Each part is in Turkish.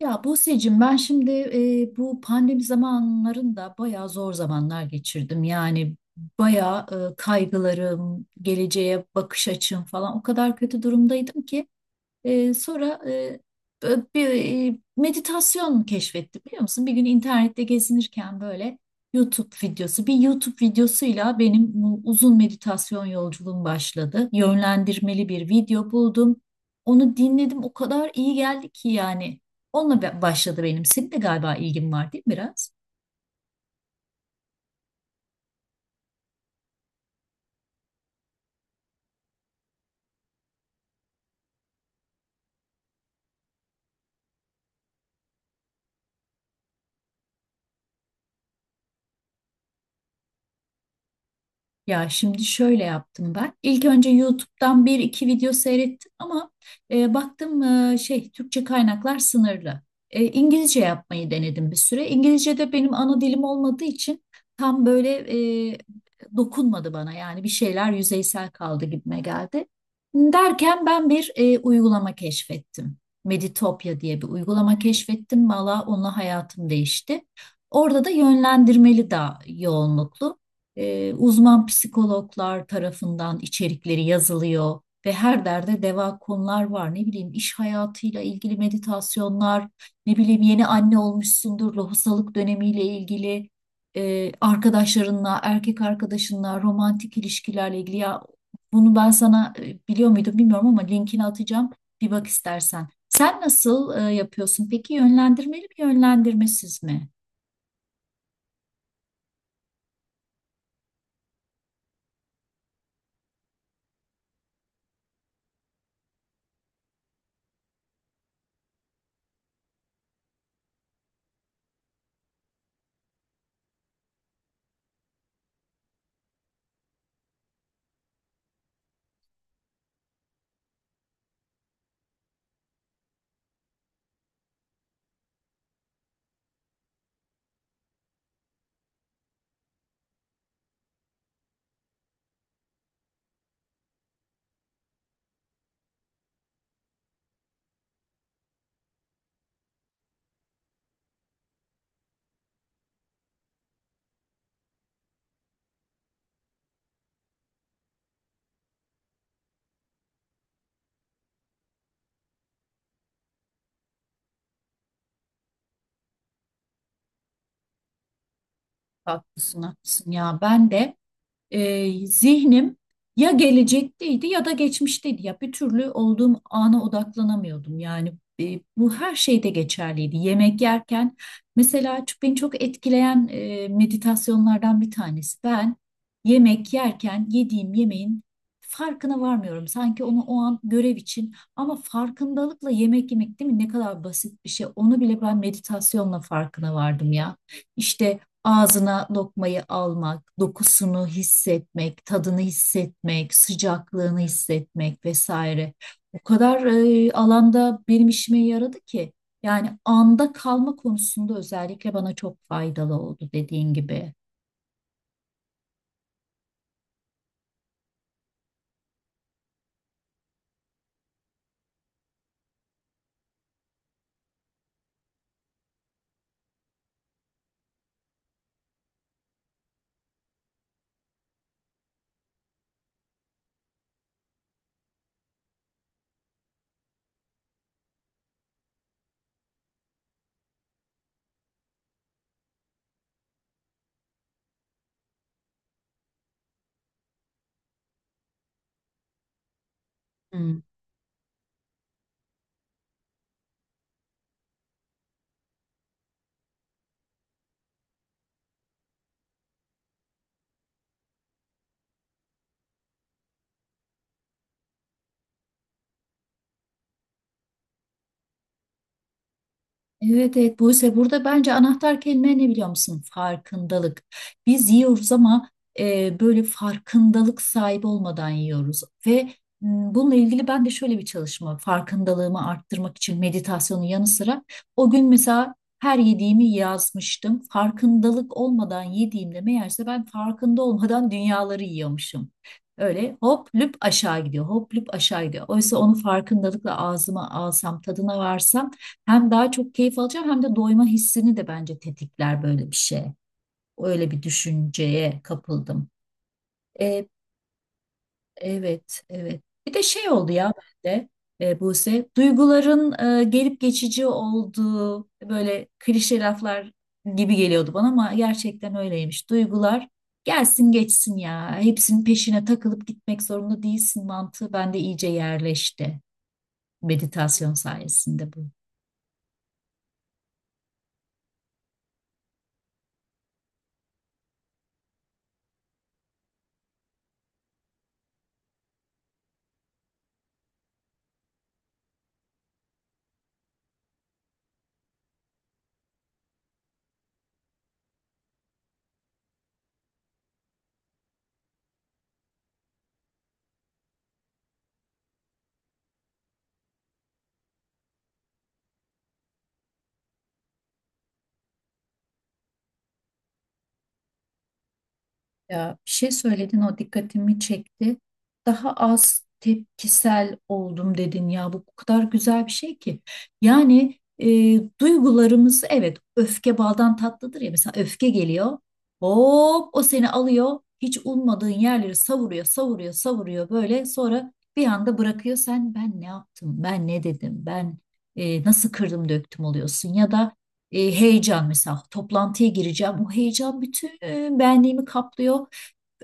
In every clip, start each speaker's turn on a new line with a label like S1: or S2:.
S1: Ya Buse'cim ben şimdi bu pandemi zamanlarında bayağı zor zamanlar geçirdim. Yani bayağı kaygılarım, geleceğe bakış açım falan o kadar kötü durumdaydım ki sonra bir meditasyon keşfettim biliyor musun? Bir gün internette gezinirken böyle YouTube videosu, bir YouTube videosuyla benim bu uzun meditasyon yolculuğum başladı. Yönlendirmeli bir video buldum. Onu dinledim, o kadar iyi geldi ki yani. Başladı benim. Senin de galiba ilgin var değil mi biraz? Ya şimdi şöyle yaptım ben. İlk önce YouTube'dan bir iki video seyrettim ama baktım şey Türkçe kaynaklar sınırlı. İngilizce yapmayı denedim bir süre. İngilizce de benim ana dilim olmadığı için tam böyle e, dokunmadı bana. Yani bir şeyler yüzeysel kaldı gibime geldi. Derken ben bir uygulama keşfettim. Meditopya diye bir uygulama keşfettim. Valla onunla hayatım değişti. Orada da yönlendirmeli daha yoğunluklu. Uzman psikologlar tarafından içerikleri yazılıyor ve her derde deva konular var. Ne bileyim iş hayatıyla ilgili meditasyonlar, ne bileyim yeni anne olmuşsundur, lohusalık dönemiyle ilgili arkadaşlarınla, erkek arkadaşınla, romantik ilişkilerle ilgili. Ya bunu ben sana biliyor muydum bilmiyorum ama linkini atacağım. Bir bak istersen. Sen nasıl yapıyorsun? Peki yönlendirmeli mi, yönlendirmesiz mi? Haklısın, haklısın ya. Ben de zihnim ya gelecekteydi ya da geçmişteydi. Ya bir türlü olduğum ana odaklanamıyordum. Yani bu her şeyde geçerliydi. Yemek yerken mesela çok, beni çok etkileyen meditasyonlardan bir tanesi. Ben yemek yerken yediğim yemeğin farkına varmıyorum. Sanki onu o an görev için ama farkındalıkla yemek yemek değil mi? Ne kadar basit bir şey. Onu bile ben meditasyonla farkına vardım ya. İşte ağzına lokmayı almak, dokusunu hissetmek, tadını hissetmek, sıcaklığını hissetmek vesaire. O kadar alanda benim işime yaradı ki. Yani anda kalma konusunda özellikle bana çok faydalı oldu dediğin gibi. Evet, evet Buse, burada bence anahtar kelime ne biliyor musun? Farkındalık. Biz yiyoruz ama böyle farkındalık sahibi olmadan yiyoruz. Ve bununla ilgili ben de şöyle bir çalışma farkındalığımı arttırmak için meditasyonun yanı sıra o gün mesela her yediğimi yazmıştım. Farkındalık olmadan yediğimde meğerse ben farkında olmadan dünyaları yiyormuşum. Öyle hop lüp aşağı gidiyor, hop lüp aşağı gidiyor. Oysa onu farkındalıkla ağzıma alsam, tadına varsam hem daha çok keyif alacağım hem de doyma hissini de bence tetikler böyle bir şey. Öyle bir düşünceye kapıldım. E, evet, evet. Bir de şey oldu ya bende Buse, duyguların gelip geçici olduğu böyle klişe laflar gibi geliyordu bana ama gerçekten öyleymiş. Duygular gelsin geçsin ya. Hepsinin peşine takılıp gitmek zorunda değilsin mantığı bende iyice yerleşti meditasyon sayesinde bu. Ya bir şey söyledin o dikkatimi çekti. Daha az tepkisel oldum dedin ya, bu kadar güzel bir şey ki. Yani duygularımız evet, öfke baldan tatlıdır ya, mesela öfke geliyor. Hop o seni alıyor, hiç ummadığın yerleri savuruyor savuruyor savuruyor böyle, sonra bir anda bırakıyor, sen ben ne yaptım, ben ne dedim, ben nasıl kırdım döktüm oluyorsun ya da heyecan mesela toplantıya gireceğim. O heyecan bütün benliğimi kaplıyor.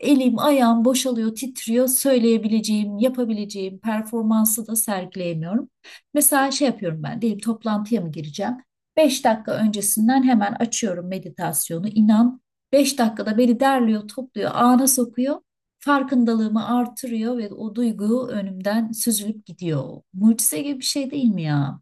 S1: Elim, ayağım boşalıyor, titriyor. Söyleyebileceğim, yapabileceğim performansı da sergileyemiyorum. Mesela şey yapıyorum ben, diyelim toplantıya mı gireceğim? Beş dakika öncesinden hemen açıyorum meditasyonu. İnan, beş dakikada beni derliyor, topluyor, ana sokuyor. Farkındalığımı artırıyor ve o duygu önümden süzülüp gidiyor. Mucize gibi bir şey değil mi ya?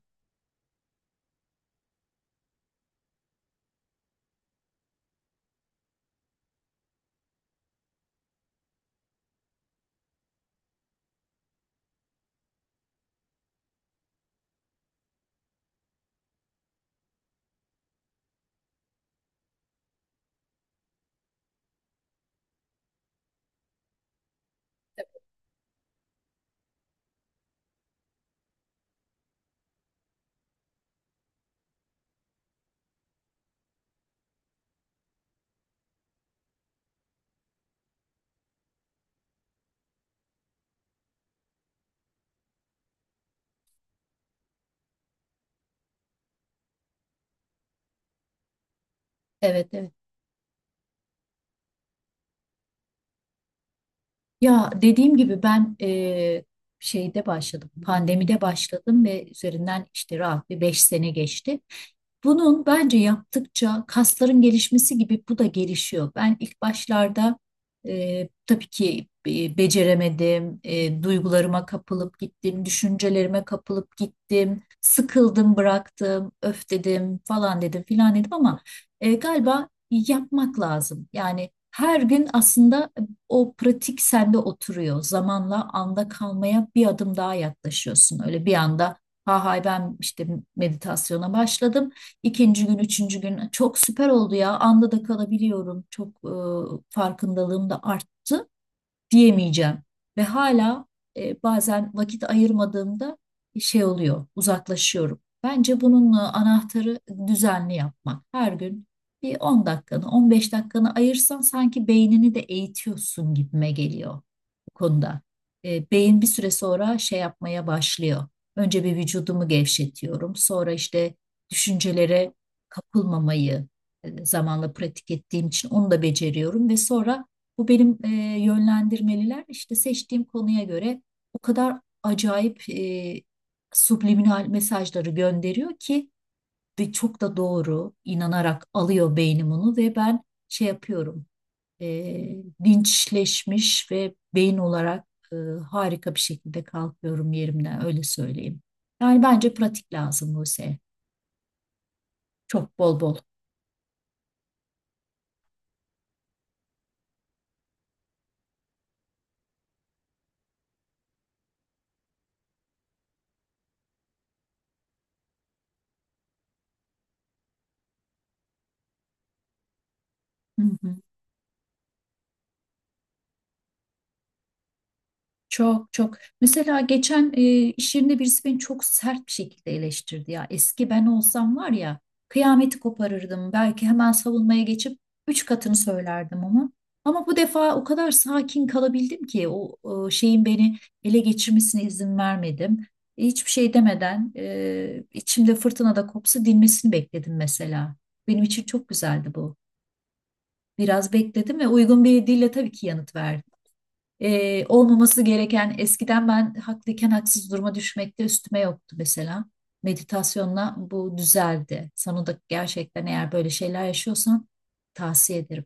S1: Evet, evet. Ya dediğim gibi ben şeyde başladım, pandemide başladım ve üzerinden işte rahat bir beş sene geçti. Bunun bence yaptıkça kasların gelişmesi gibi bu da gelişiyor. Ben ilk başlarda tabii ki beceremedim, duygularıma kapılıp gittim, düşüncelerime kapılıp gittim, sıkıldım, bıraktım, öf dedim falan dedim filan dedim ama galiba yapmak lazım. Yani her gün aslında o pratik sende oturuyor. Zamanla anda kalmaya bir adım daha yaklaşıyorsun. Öyle bir anda ha hay ben işte meditasyona başladım. İkinci gün, üçüncü gün çok süper oldu ya. Anda da kalabiliyorum. Çok farkındalığım da arttı diyemeyeceğim. Ve hala bazen vakit ayırmadığımda şey oluyor, uzaklaşıyorum. Bence bunun anahtarı düzenli yapmak. Her gün bir 10 dakikanı, 15 dakikanı ayırsan sanki beynini de eğitiyorsun gibime geliyor bu konuda. Beyin bir süre sonra şey yapmaya başlıyor. Önce bir vücudumu gevşetiyorum. Sonra işte düşüncelere kapılmamayı zamanla pratik ettiğim için onu da beceriyorum ve sonra bu benim yönlendirmeliler işte seçtiğim konuya göre o kadar acayip subliminal mesajları gönderiyor ki ve çok da doğru inanarak alıyor beynim onu ve ben şey yapıyorum e, linçleşmiş ve beyin olarak e, harika bir şekilde kalkıyorum yerimden öyle söyleyeyim. Yani bence pratik lazım Buse. Çok bol bol. Hı hı. Çok çok. Mesela geçen iş yerinde birisi beni çok sert bir şekilde eleştirdi ya. Eski ben olsam var ya, kıyameti koparırdım. Belki hemen savunmaya geçip üç katını söylerdim ama. Ama bu defa o kadar sakin kalabildim ki o şeyin beni ele geçirmesine izin vermedim. Hiçbir şey demeden içimde fırtına da kopsa dinmesini bekledim mesela. Benim için çok güzeldi bu. Biraz bekledim ve uygun bir dille tabii ki yanıt verdi. Olmaması gereken eskiden ben haklıyken haksız duruma düşmekte üstüme yoktu mesela. Meditasyonla bu düzeldi. Sana da gerçekten eğer böyle şeyler yaşıyorsan tavsiye ederim.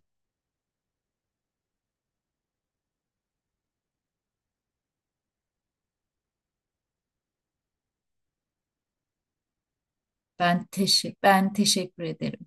S1: Ben teşekkür ederim.